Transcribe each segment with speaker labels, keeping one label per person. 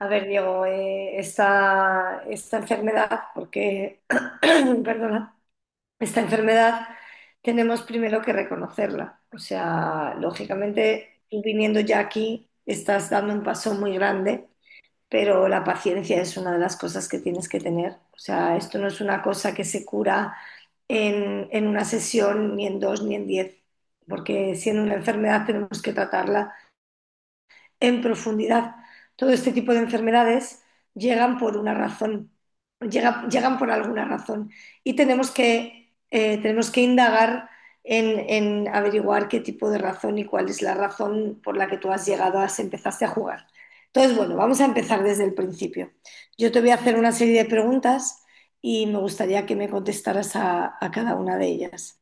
Speaker 1: A ver, Diego, esta enfermedad, porque, perdona, esta enfermedad tenemos primero que reconocerla. O sea, lógicamente, tú viniendo ya aquí, estás dando un paso muy grande, pero la paciencia es una de las cosas que tienes que tener. O sea, esto no es una cosa que se cura en una sesión, ni en dos, ni en 10, porque siendo una enfermedad tenemos que tratarla en profundidad. Todo este tipo de enfermedades llegan por una razón, llegan por alguna razón y tenemos que tenemos que indagar en averiguar qué tipo de razón y cuál es la razón por la que tú has llegado a, empezaste a jugar. Entonces, bueno, vamos a empezar desde el principio. Yo te voy a hacer una serie de preguntas y me gustaría que me contestaras a cada una de ellas.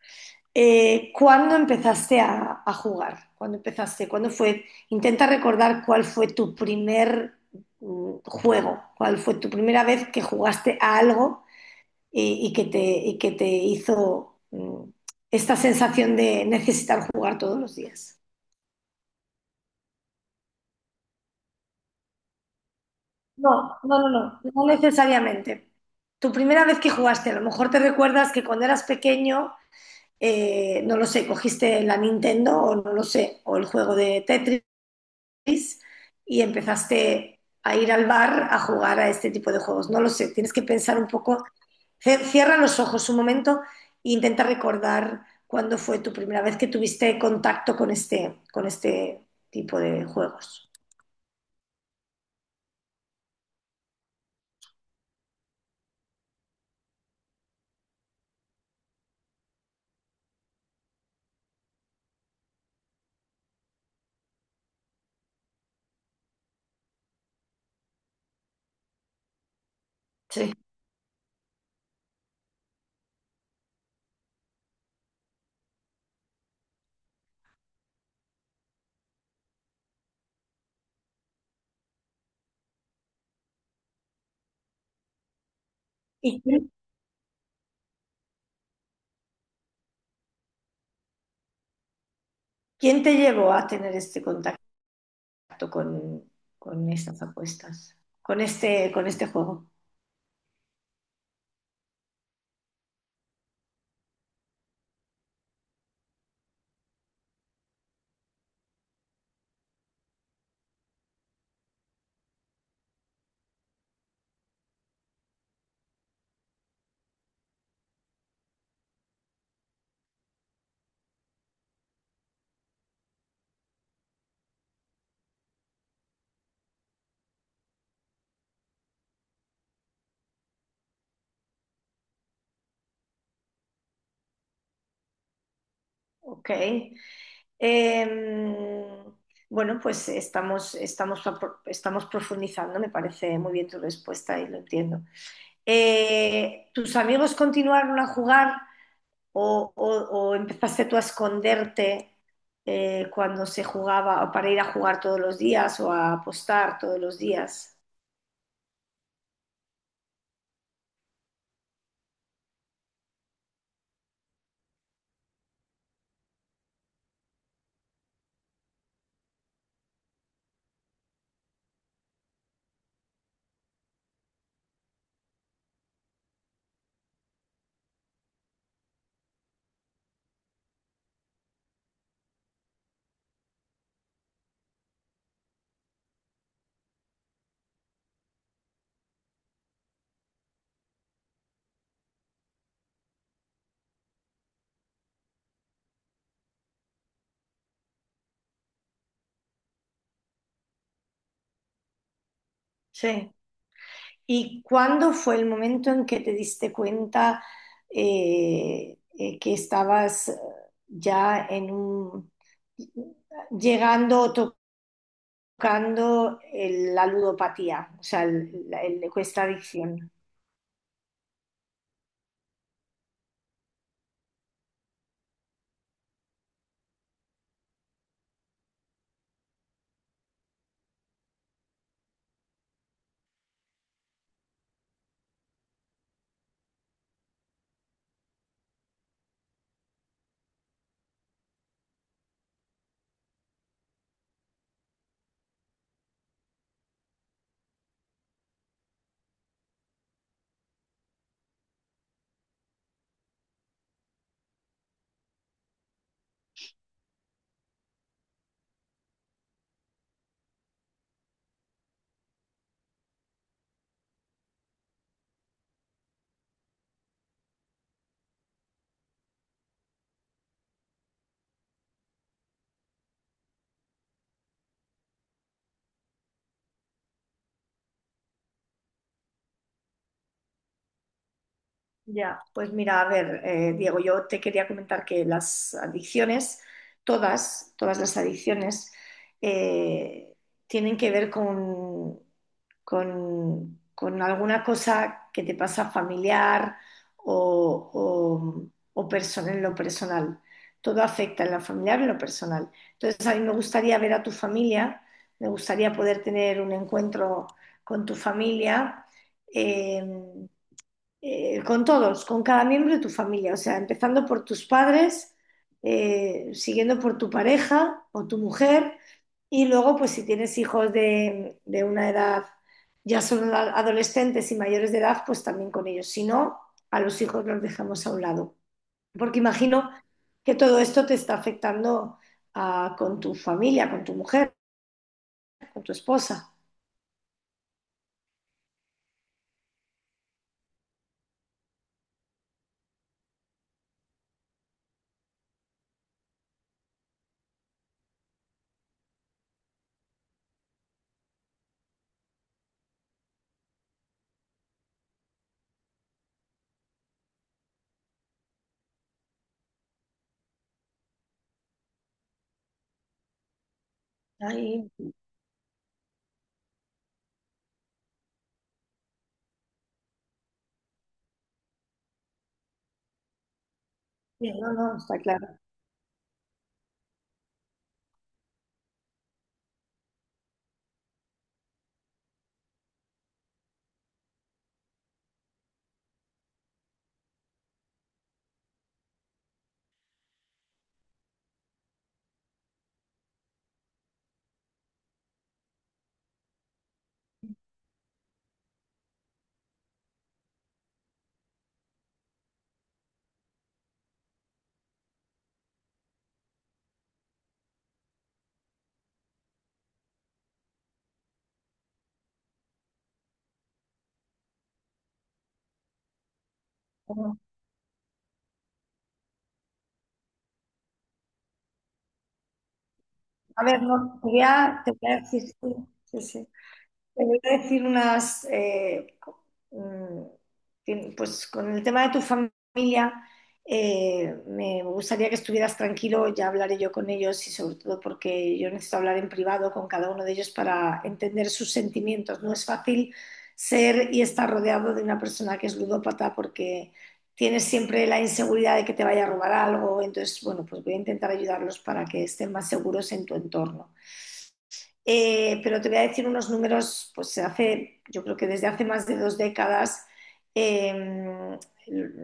Speaker 1: ¿Cuándo empezaste a jugar? ¿Cuándo empezaste? ¿Cuándo fue? Intenta recordar cuál fue tu primer juego, cuál fue tu primera vez que jugaste a algo y que y que te hizo esta sensación de necesitar jugar todos los días. No, no, no, no, no necesariamente. Tu primera vez que jugaste, a lo mejor te recuerdas que cuando eras pequeño, no lo sé, cogiste la Nintendo o no lo sé, o el juego de Tetris y empezaste a ir al bar a jugar a este tipo de juegos. No lo sé, tienes que pensar un poco. Cierra los ojos un momento e intenta recordar cuándo fue tu primera vez que tuviste contacto con este tipo de juegos. Sí. ¿Y quién, quién te llevó a tener este contacto con, con estas apuestas, con este juego? Ok. Em, bueno, pues estamos profundizando, me parece muy bien tu respuesta y lo entiendo. ¿Tus amigos continuaron a jugar o empezaste tú a esconderte cuando se jugaba o para ir a jugar todos los días o a apostar todos los días? Sí. ¿Y cuándo fue el momento en que te diste cuenta que estabas ya en un, llegando o tocando la ludopatía, o sea, questa adicción? Ya, pues mira, a ver, Diego, yo te quería comentar que las adicciones, todas, todas las adicciones, eh, tienen que ver con alguna cosa que te pasa familiar o, o en lo personal. Todo afecta en lo familiar y en lo personal. Entonces, a mí me gustaría ver a tu familia, me gustaría poder tener un encuentro con tu familia. em, con todos, con cada miembro de tu familia, o sea, empezando por tus padres, siguiendo por tu pareja o tu mujer, y luego, pues si tienes hijos de una edad, ya son adolescentes y mayores de edad, pues también con ellos. Si no, a los hijos los dejamos a un lado, porque imagino que todo esto te está afectando ah, con tu familia, con tu mujer, con tu esposa. Ahí, sí, no, no, está claro. No, no. A ver, no, te voy a decir, sí, sí, sí. Te voy a decir unas, mm, pues con el tema de tu familia, me gustaría que estuvieras tranquilo, ya hablaré yo con ellos y sobre todo porque yo necesito hablar en privado con cada uno de ellos para entender sus sentimientos. No es fácil ser y estar rodeado de una persona que es ludópata porque tienes siempre la inseguridad de que te vaya a robar algo, entonces, bueno, pues voy a intentar ayudarlos para que estén más seguros en tu entorno. Pero te voy a decir unos números, pues hace, yo creo que desde hace más de 2 décadas eh,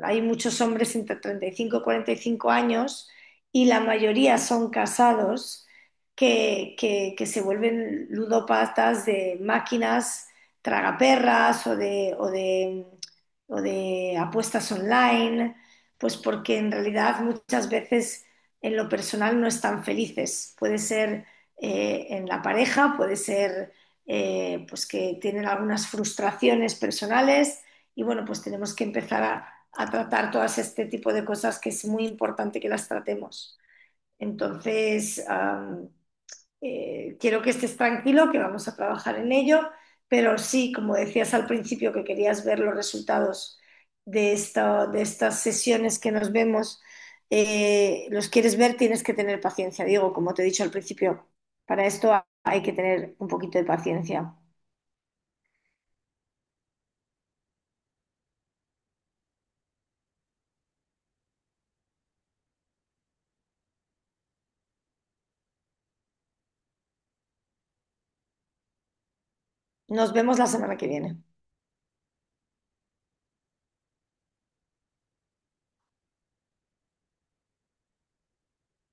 Speaker 1: hay muchos hombres entre 35 y 45 años y la mayoría son casados que se vuelven ludopatas de máquinas tragaperras o de apuestas online, pues porque en realidad muchas veces en lo personal no están felices. Puede ser en la pareja, puede ser pues que tienen algunas frustraciones personales y bueno, pues tenemos que empezar a tratar todas este tipo de cosas que es muy importante que las tratemos. Entonces, quiero que estés tranquilo, que vamos a trabajar en ello, pero sí, como decías al principio, que querías ver los resultados de, de estas sesiones que nos vemos, los quieres ver, tienes que tener paciencia, Diego, como te he dicho al principio, para esto hay que tener un poquito de paciencia. Nos vemos la semana que viene.